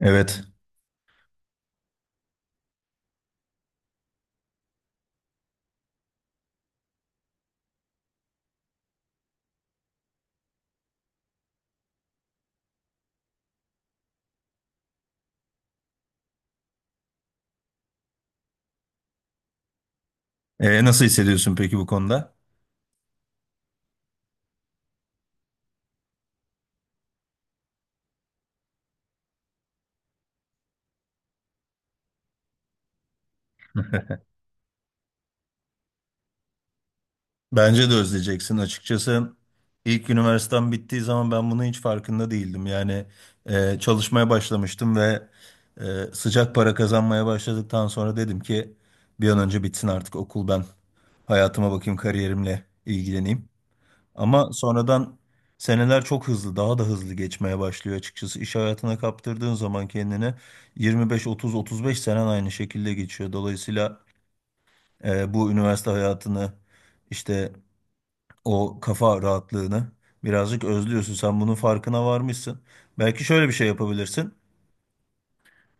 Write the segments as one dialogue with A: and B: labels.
A: Evet. Nasıl hissediyorsun peki bu konuda? Bence de özleyeceksin. Açıkçası ilk üniversitem bittiği zaman ben bunun hiç farkında değildim. Yani çalışmaya başlamıştım ve sıcak para kazanmaya başladıktan sonra dedim ki bir an önce bitsin artık okul, ben hayatıma bakayım, kariyerimle ilgileneyim. Ama sonradan seneler çok hızlı, daha da hızlı geçmeye başlıyor açıkçası. İş hayatına kaptırdığın zaman kendini 25, 30, 35 senen aynı şekilde geçiyor. Dolayısıyla bu üniversite hayatını işte o kafa rahatlığını birazcık özlüyorsun. Sen bunun farkına varmışsın. Belki şöyle bir şey yapabilirsin.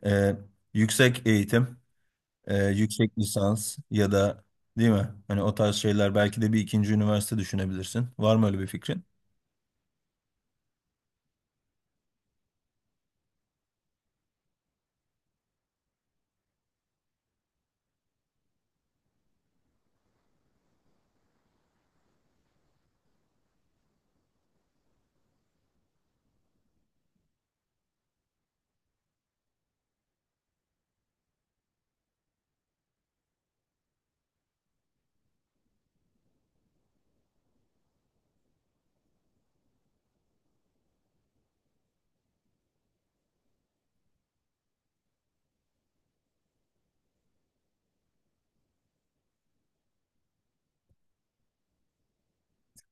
A: E, yüksek eğitim, yüksek lisans ya da, değil mi? Hani o tarz şeyler, belki de bir ikinci üniversite düşünebilirsin. Var mı öyle bir fikrin?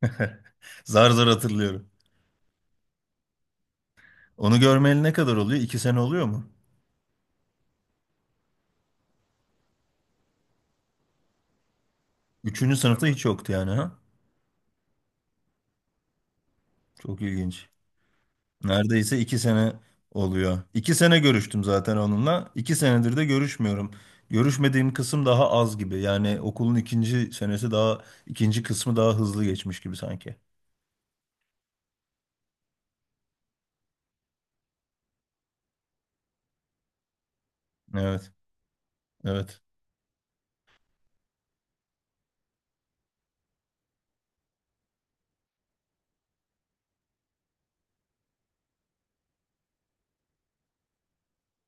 A: Zar zar hatırlıyorum. Onu görmeyeli ne kadar oluyor? İki sene oluyor mu? Üçüncü sınıfta hiç yoktu yani, ha? Çok ilginç. Neredeyse iki sene oluyor. İki sene görüştüm zaten onunla. İki senedir de görüşmüyorum. Görüşmediğim kısım daha az gibi. Yani okulun ikinci senesi daha, ikinci kısmı daha hızlı geçmiş gibi sanki. Evet, evet.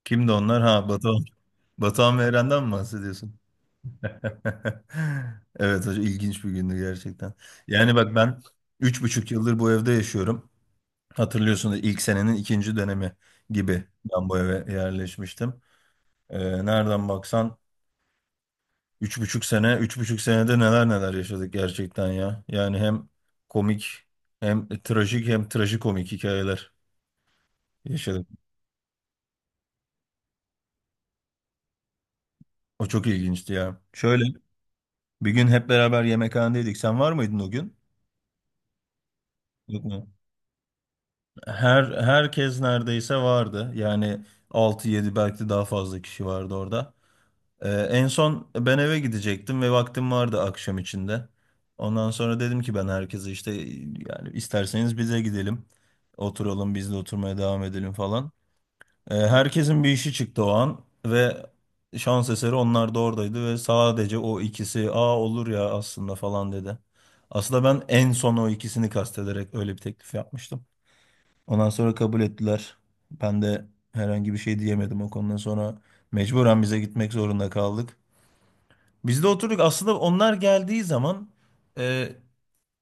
A: Kimdi onlar? Ha, Batuhan. Batuhan ve Eren'den mi bahsediyorsun? Evet, hocam, ilginç bir gündü gerçekten. Yani bak, ben üç buçuk yıldır bu evde yaşıyorum. Hatırlıyorsunuz, ilk senenin ikinci dönemi gibi ben bu eve yerleşmiştim. Nereden baksan üç buçuk sene, üç buçuk senede neler neler yaşadık gerçekten ya. Yani hem komik, hem trajik, hem trajikomik hikayeler yaşadık. O çok ilginçti ya. Şöyle, bir gün hep beraber yemekhanedeydik. Sen var mıydın o gün? Yok mu? Herkes neredeyse vardı. Yani altı yedi, belki de daha fazla kişi vardı orada. En son ben eve gidecektim ve vaktim vardı akşam içinde. Ondan sonra dedim ki ben herkese işte, yani isterseniz bize gidelim. Oturalım, biz de oturmaya devam edelim falan. Herkesin bir işi çıktı o an ve şans eseri onlar da oradaydı ve sadece o ikisi "aa, olur ya aslında" falan dedi. Aslında ben en son o ikisini kastederek öyle bir teklif yapmıştım. Ondan sonra kabul ettiler. Ben de herhangi bir şey diyemedim o konudan sonra. Mecburen bize gitmek zorunda kaldık. Biz de oturduk. Aslında onlar geldiği zaman e,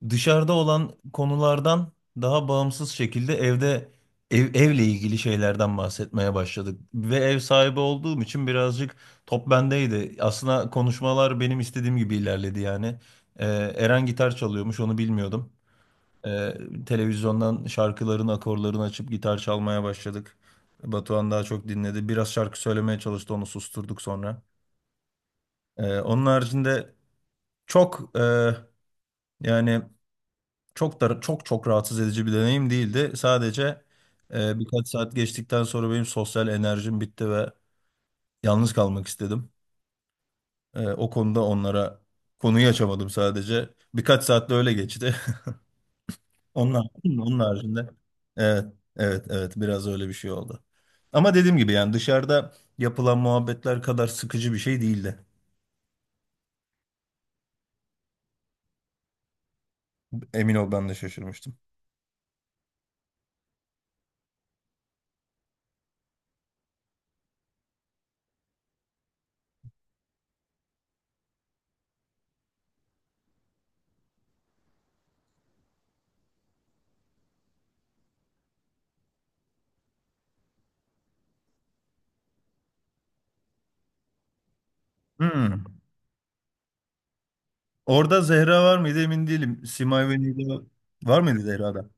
A: dışarıda olan konulardan daha bağımsız şekilde evde, evle ilgili şeylerden bahsetmeye başladık. Ve ev sahibi olduğum için birazcık top bendeydi. Aslında konuşmalar benim istediğim gibi ilerledi yani. E, Eren gitar çalıyormuş, onu bilmiyordum. E, televizyondan şarkıların akorlarını açıp gitar çalmaya başladık. Batuhan daha çok dinledi. Biraz şarkı söylemeye çalıştı, onu susturduk sonra. Onun haricinde çok yani çok da, çok rahatsız edici bir deneyim değildi. Sadece birkaç saat geçtikten sonra benim sosyal enerjim bitti ve yalnız kalmak istedim. O konuda onlara konuyu açamadım sadece. Birkaç saat de öyle geçti. Onlar onun haricinde evet, evet, evet, biraz öyle bir şey oldu. Ama dediğim gibi, yani dışarıda yapılan muhabbetler kadar sıkıcı bir şey değildi. Emin ol, ben de şaşırmıştım. Hmm. Orada Zehra var mıydı emin değilim. Simay ve Nida var mıydı, Zehra'da?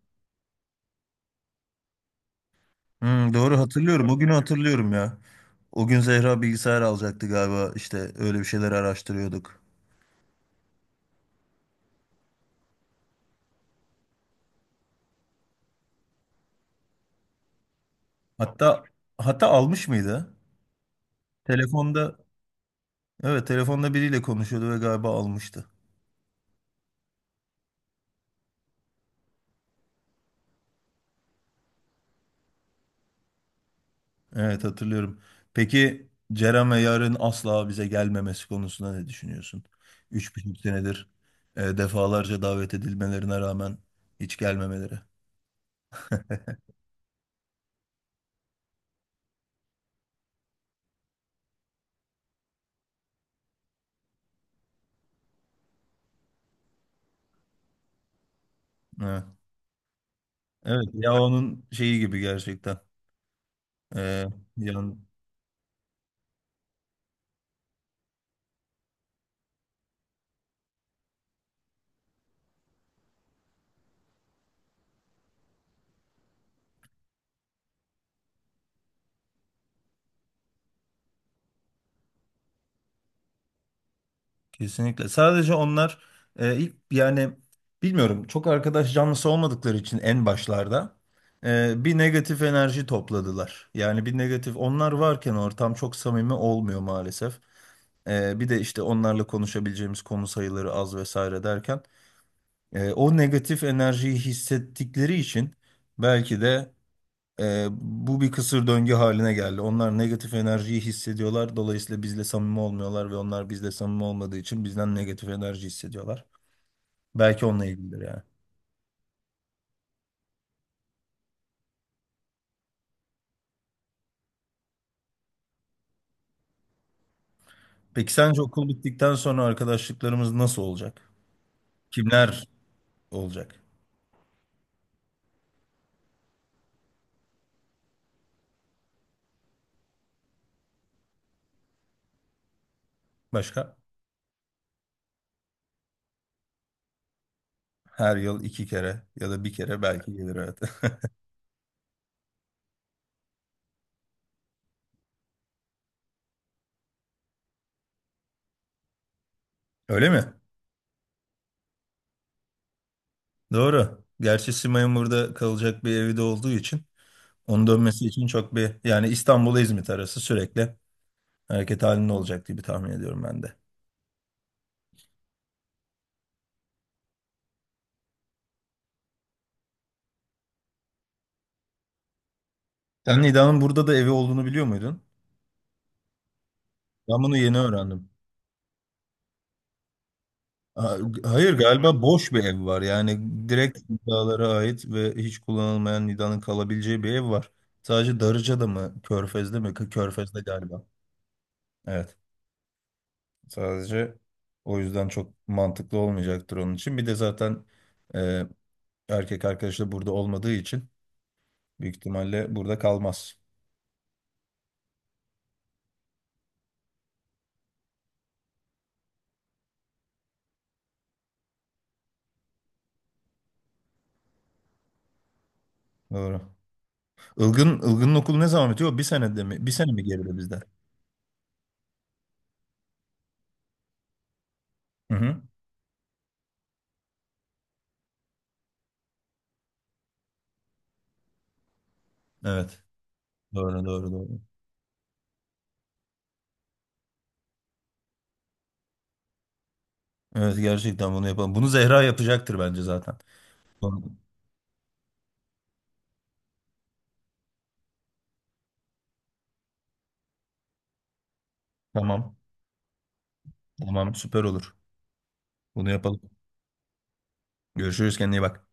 A: Hmm, doğru hatırlıyorum. O günü hatırlıyorum ya. O gün Zehra bilgisayar alacaktı galiba. İşte öyle bir şeyler araştırıyorduk. Hatta hatta almış mıydı? Telefonda, evet telefonda biriyle konuşuyordu ve galiba almıştı. Evet, hatırlıyorum. Peki Ceren ve Yarın asla bize gelmemesi konusunda ne düşünüyorsun? Üç buçuk senedir defalarca davet edilmelerine rağmen hiç gelmemeleri. Evet ya, onun şeyi gibi gerçekten. Ee, yani kesinlikle. Sadece onlar ilk, yani bilmiyorum, çok arkadaş canlısı olmadıkları için en başlarda bir negatif enerji topladılar. Yani bir negatif, onlar varken ortam çok samimi olmuyor maalesef. Bir de işte onlarla konuşabileceğimiz konu sayıları az vesaire derken o negatif enerjiyi hissettikleri için belki de bu bir kısır döngü haline geldi. Onlar negatif enerjiyi hissediyorlar. Dolayısıyla bizle samimi olmuyorlar ve onlar bizle samimi olmadığı için bizden negatif enerji hissediyorlar. Belki onunla ilgilidir yani. Peki sence okul bittikten sonra arkadaşlıklarımız nasıl olacak? Kimler olacak? Başka? Her yıl iki kere ya da bir kere belki gelir, evet. Öyle mi? Doğru. Gerçi Simay'ın burada kalacak bir evi de olduğu için onun dönmesi için çok bir, yani İstanbul'a İzmit arası sürekli hareket halinde olacak diye bir tahmin ediyorum ben de. Sen Nida'nın burada da evi olduğunu biliyor muydun? Ben bunu yeni öğrendim. Ha- Hayır, galiba boş bir ev var. Yani direkt Nida'lara ait ve hiç kullanılmayan, Nida'nın kalabileceği bir ev var. Sadece Darıca'da mı? Körfez'de mi? Kı- Körfez'de galiba. Evet. Sadece o yüzden çok mantıklı olmayacaktır onun için. Bir de zaten e, erkek arkadaşı da burada olmadığı için büyük ihtimalle burada kalmaz. Doğru. Ilgın'ın okulu ne zaman bitiyor? Bir senede mi? Bir sene mi geride bizden? Hı hı. Evet. Doğru, doğru, doğru. Evet, gerçekten bunu yapalım. Bunu Zehra yapacaktır bence zaten. Tamam. Tamam, tamam, süper olur. Bunu yapalım. Görüşürüz, kendine iyi bak.